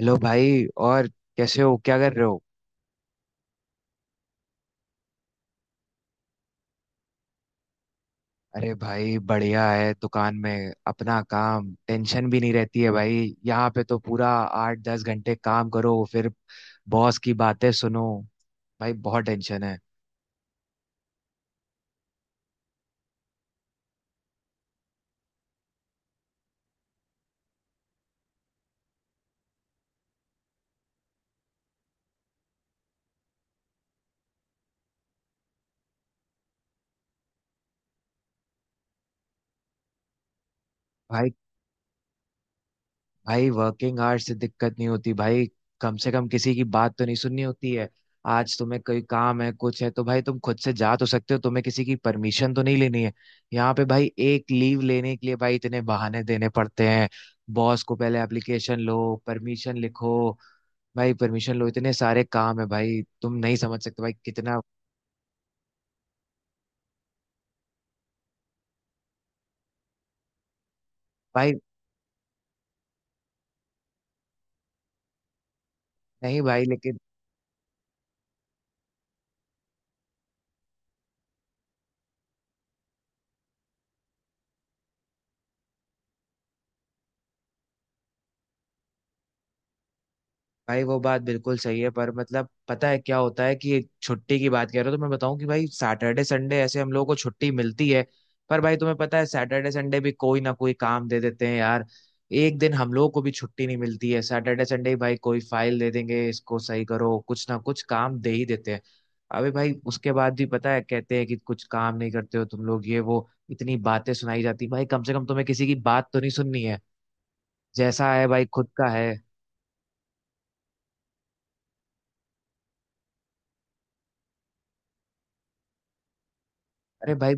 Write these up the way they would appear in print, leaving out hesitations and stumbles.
Hello भाई। और कैसे हो, क्या कर रहे हो? अरे भाई बढ़िया है, दुकान में अपना काम, टेंशन भी नहीं रहती है भाई। यहाँ पे तो पूरा 8-10 घंटे काम करो, फिर बॉस की बातें सुनो। भाई बहुत टेंशन है। भाई भाई वर्किंग आवर्स से दिक्कत नहीं होती भाई, कम से कम किसी की बात तो नहीं सुननी होती है। आज तुम्हें कोई काम है, कुछ है तो भाई तुम खुद से जा तो सकते हो, तुम्हें किसी की परमिशन तो नहीं लेनी है। यहाँ पे भाई एक लीव लेने के लिए भाई इतने बहाने देने पड़ते हैं, बॉस को पहले एप्लीकेशन लो, परमिशन लिखो। भाई परमिशन लो, इतने सारे काम है भाई, तुम नहीं समझ सकते भाई कितना। भाई नहीं भाई लेकिन भाई वो बात बिल्कुल सही है, पर मतलब पता है क्या होता है कि छुट्टी की बात कर रहे हो तो मैं बताऊं कि भाई सैटरडे संडे ऐसे हम लोगों को छुट्टी मिलती है। पर भाई तुम्हें पता है सैटरडे संडे भी कोई ना कोई काम दे देते हैं यार। एक दिन हम लोगों को भी छुट्टी नहीं मिलती है। सैटरडे संडे ही भाई कोई फाइल दे देंगे, इसको सही करो, कुछ ना कुछ काम दे ही देते हैं। अबे भाई उसके बाद भी पता है कहते हैं कि कुछ काम नहीं करते हो तुम लोग, ये वो इतनी बातें सुनाई जाती। भाई कम से कम तुम्हें किसी की बात तो नहीं सुननी है, जैसा है भाई खुद का है। अरे भाई।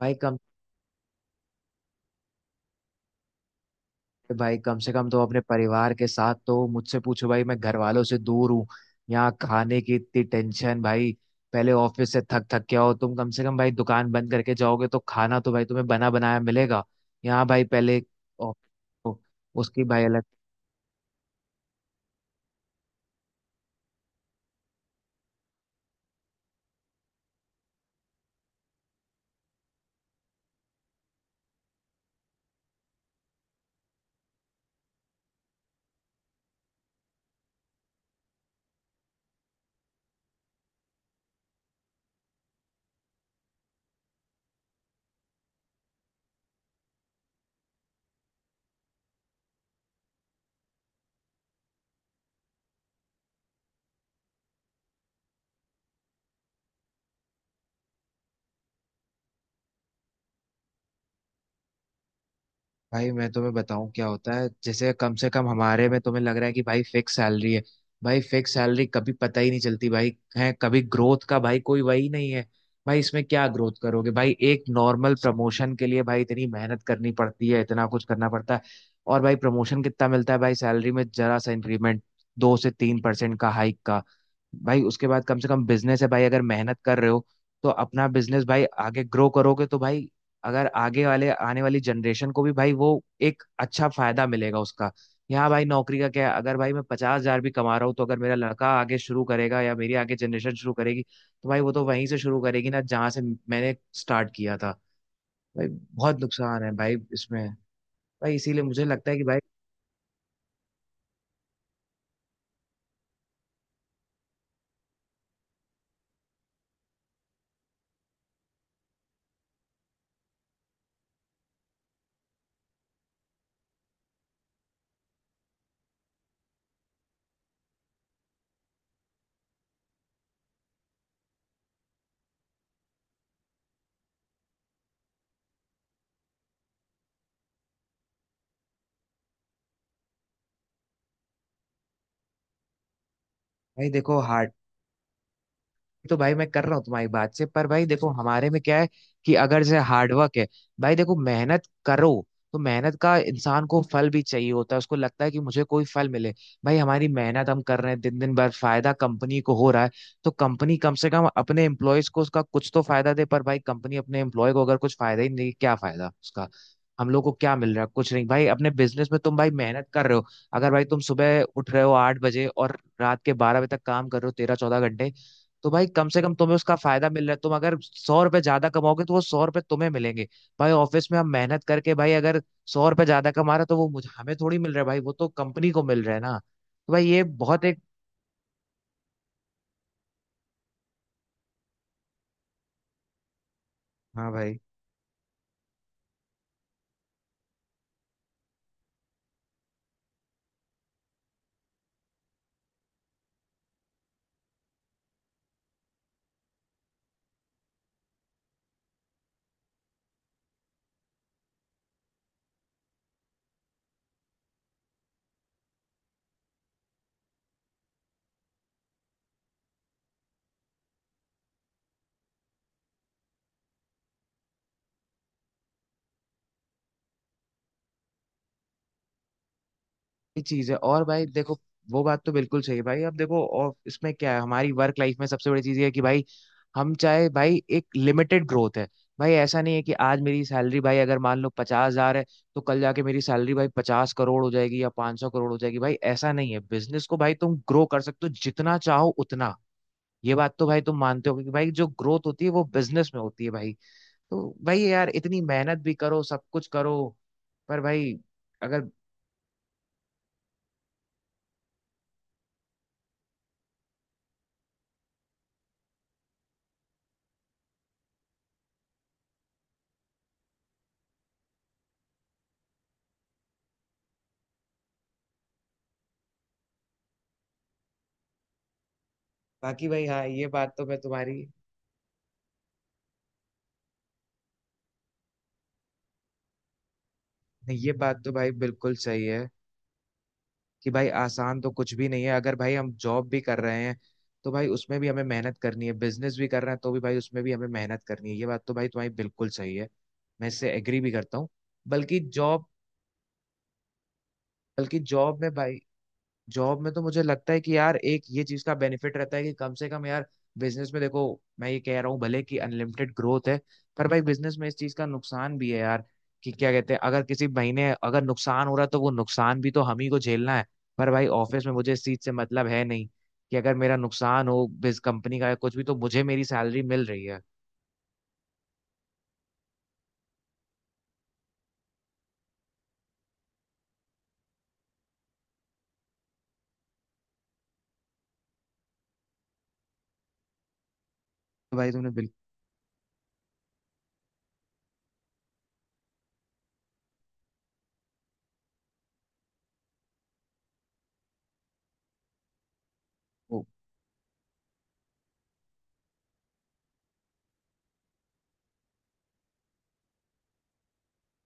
भाई कम भाई कम से कम तो अपने परिवार के साथ, तो मुझसे पूछो भाई मैं घर वालों से दूर हूँ। यहाँ खाने की इतनी टेंशन भाई। पहले ऑफिस से थक थक के आओ, तुम कम से कम भाई दुकान बंद करके जाओगे तो खाना तो भाई तुम्हें बना बनाया मिलेगा। यहाँ भाई पहले ऑफिस उसकी भाई अलग भाई मैं तुम्हें बताऊं क्या होता है, जैसे कम से कम हमारे में तुम्हें लग रहा है कि भाई फिक्स सैलरी है। भाई फिक्स सैलरी कभी पता ही नहीं चलती भाई। है कभी ग्रोथ का भाई, कोई वही नहीं है। भाई इसमें क्या ग्रोथ करोगे? भाई एक नॉर्मल प्रमोशन के लिए भाई इतनी मेहनत करनी पड़ती है, इतना कुछ करना पड़ता है। और भाई प्रमोशन कितना मिलता है? भाई सैलरी में जरा सा इंक्रीमेंट, 2 से 3 परसेंट का हाइक का। भाई उसके बाद कम से कम बिजनेस है भाई, अगर मेहनत कर रहे हो तो अपना बिजनेस भाई आगे ग्रो करोगे तो भाई अगर आगे वाले आने वाली जनरेशन को भी भाई वो एक अच्छा फायदा मिलेगा उसका। यहाँ भाई नौकरी का क्या है? अगर भाई मैं 50,000 भी कमा रहा हूँ, तो अगर मेरा लड़का आगे शुरू करेगा या मेरी आगे जनरेशन शुरू करेगी, तो भाई वो तो वहीं से शुरू करेगी ना जहाँ से मैंने स्टार्ट किया था। भाई बहुत नुकसान है भाई इसमें। भाई इसीलिए मुझे लगता है कि भाई। भाई देखो हार्ड तो भाई मैं कर रहा हूँ तुम्हारी बात से, पर भाई देखो हमारे में क्या है कि अगर जैसे हार्डवर्क है, भाई देखो मेहनत करो, तो मेहनत का इंसान को फल भी चाहिए होता है, उसको लगता है कि मुझे कोई फल मिले। भाई हमारी मेहनत हम कर रहे हैं दिन दिन भर, फायदा कंपनी को हो रहा है, तो कंपनी कम से कम अपने एम्प्लॉयज को उसका कुछ तो फायदा दे। पर भाई कंपनी अपने एम्प्लॉय को अगर कुछ फायदा ही नहीं देगी, क्या फायदा उसका? हम लोग को क्या मिल रहा है? कुछ नहीं। भाई अपने बिजनेस में तुम भाई मेहनत कर रहे हो, अगर भाई तुम सुबह उठ रहे हो 8 बजे और रात के 12 बजे तक काम कर रहे हो, 13-14 घंटे, तो भाई कम से कम तुम्हें उसका फायदा मिल रहा है। तुम अगर 100 रुपए ज्यादा कमाओगे तो वो 100 रुपए तुम्हें मिलेंगे। भाई ऑफिस में हम मेहनत करके भाई अगर 100 रुपए ज्यादा कमा रहे हैं, तो वो मुझे हमें थोड़ी मिल रहा है भाई, वो तो कंपनी को मिल रहा है ना। तो भाई ये बहुत एक। हाँ भाई चीज है। और भाई देखो वो बात तो बिल्कुल सही है भाई। अब देखो और इसमें क्या है, हमारी वर्क लाइफ में सबसे बड़ी चीज ये है कि भाई हम चाहे भाई एक लिमिटेड ग्रोथ है। भाई ऐसा नहीं है कि आज मेरी सैलरी भाई अगर मान लो 50,000 है, तो कल जाके मेरी सैलरी भाई 50 करोड़ हो जाएगी या 500 करोड़ हो जाएगी। भाई ऐसा नहीं है, बिजनेस को भाई तुम ग्रो कर सकते हो जितना चाहो उतना। ये बात तो भाई तुम मानते हो कि भाई जो ग्रोथ होती है वो बिजनेस में होती है भाई। तो भाई यार इतनी मेहनत भी करो, सब कुछ करो, पर भाई अगर बाकी भाई हाँ ये बात तो मैं तुम्हारी। नहीं ये बात तो भाई बिल्कुल सही है कि भाई आसान तो कुछ भी नहीं है। अगर भाई हम जॉब भी कर रहे हैं तो भाई उसमें भी हमें मेहनत करनी है, बिजनेस भी कर रहे हैं तो भी भाई उसमें भी हमें मेहनत करनी है। ये बात तो भाई तुम्हारी बिल्कुल सही है, मैं इससे एग्री भी करता हूँ। बल्कि जॉब बल्कि जॉब में तो मुझे लगता है कि यार एक ये चीज का बेनिफिट रहता है कि कम से कम यार बिजनेस में देखो मैं ये कह रहा हूँ भले कि अनलिमिटेड ग्रोथ है, पर भाई बिजनेस में इस चीज का नुकसान भी है यार कि क्या कहते हैं, अगर किसी महीने अगर नुकसान हो रहा है तो वो नुकसान भी तो हम ही को झेलना है। पर भाई ऑफिस में मुझे इस चीज से मतलब है नहीं कि अगर मेरा नुकसान हो बिज कंपनी का या कुछ भी, तो मुझे मेरी सैलरी मिल रही है। तो भाई तुमने बिल्कुल वो-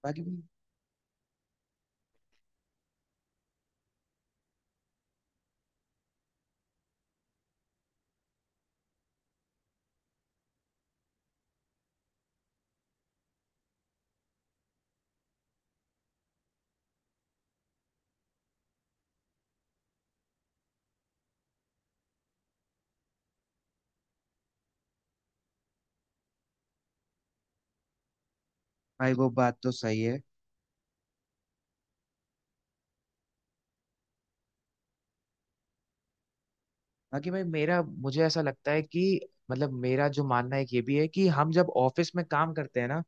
बाकी भी भाई वो बात तो सही है। बाकी भाई मेरा, मुझे ऐसा लगता है कि मतलब मेरा जो मानना है एक ये भी है कि हम जब ऑफिस में काम करते हैं ना,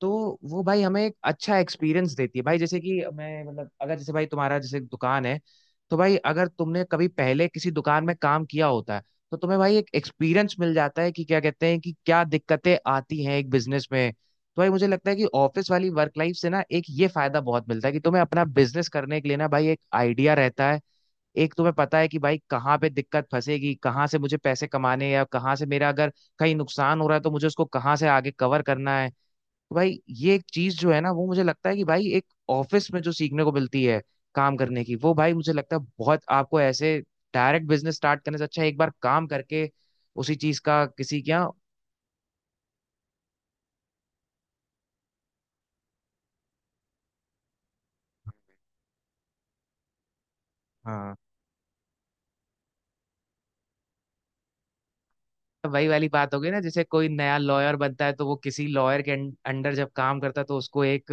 तो वो भाई हमें एक अच्छा एक्सपीरियंस देती है भाई। जैसे कि मैं मतलब अगर जैसे भाई तुम्हारा जैसे दुकान है, तो भाई अगर तुमने कभी पहले किसी दुकान में काम किया होता है तो तुम्हें भाई एक एक्सपीरियंस मिल जाता है कि क्या कहते हैं कि क्या दिक्कतें आती हैं एक बिजनेस में। तो भाई मुझे लगता है कि ऑफिस वाली वर्क लाइफ से ना एक ये फायदा बहुत मिलता है कि तुम्हें अपना बिजनेस करने के लिए ना भाई एक आइडिया रहता है। एक तुम्हें पता है कि भाई कहाँ पे दिक्कत फंसेगी, कहाँ से मुझे पैसे कमाने हैं, या कहाँ से मेरा अगर कहीं नुकसान हो रहा है तो मुझे उसको कहाँ से आगे कवर करना है। तो भाई ये एक चीज जो है ना, वो मुझे लगता है कि भाई एक ऑफिस में जो सीखने को मिलती है काम करने की, वो भाई मुझे लगता है बहुत, आपको ऐसे डायरेक्ट बिजनेस स्टार्ट करने से अच्छा है एक बार काम करके उसी चीज का किसी क्या। तो वही वाली बात हो गई ना, जैसे कोई नया लॉयर बनता है तो वो किसी लॉयर के अंडर जब काम करता है तो उसको एक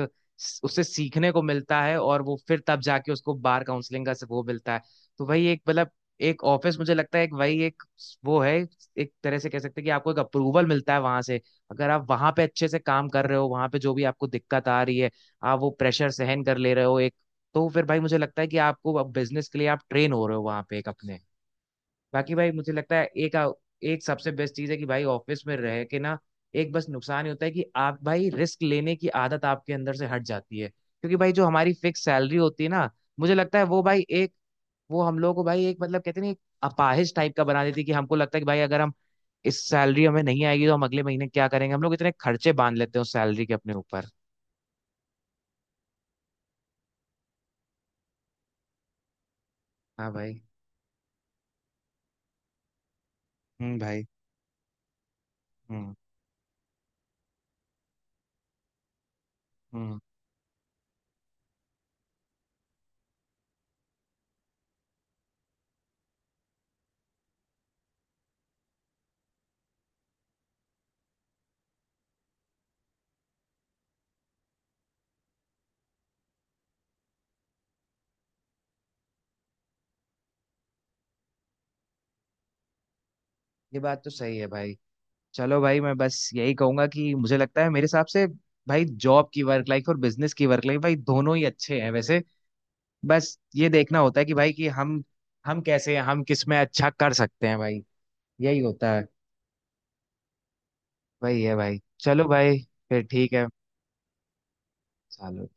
उससे सीखने को मिलता है, और वो फिर तब जाके उसको बार काउंसलिंग का से वो मिलता है। तो वही एक मतलब एक ऑफिस, मुझे लगता है एक वही एक वो है। एक तरह से कह सकते हैं कि आपको एक अप्रूवल मिलता है वहां से। अगर आप वहां पे अच्छे से काम कर रहे हो, वहां पे जो भी आपको दिक्कत आ रही है, आप वो प्रेशर सहन कर ले रहे हो एक, तो फिर भाई मुझे लगता है कि आपको अब बिजनेस के लिए आप ट्रेन हो रहे हो वहां पे एक अपने। बाकी भाई मुझे लगता है एक, एक सबसे बेस्ट चीज है कि भाई ऑफिस में रह के ना, एक बस नुकसान ही होता है कि आप भाई रिस्क लेने की आदत आपके अंदर से हट जाती है, क्योंकि भाई जो हमारी फिक्स सैलरी होती है ना, मुझे लगता है वो भाई एक, वो हम लोगों को भाई एक मतलब कहते हैं ना एक अपाहिज टाइप का बना देती है। कि हमको लगता है कि भाई अगर हम इस सैलरी हमें नहीं आएगी तो हम अगले महीने क्या करेंगे, हम लोग इतने खर्चे बांध लेते हैं उस सैलरी के अपने ऊपर। हाँ भाई। भाई। हम्म। हम्म हम्म ये बात तो सही है भाई। चलो भाई, मैं बस यही कहूंगा कि मुझे लगता है मेरे हिसाब से भाई जॉब की वर्क लाइफ और बिजनेस की वर्क लाइफ भाई दोनों ही अच्छे हैं वैसे। बस ये देखना होता है कि भाई कि हम कैसे हैं, हम किस में अच्छा कर सकते हैं भाई, यही होता है। वही है भाई, चलो भाई फिर ठीक है। चलो।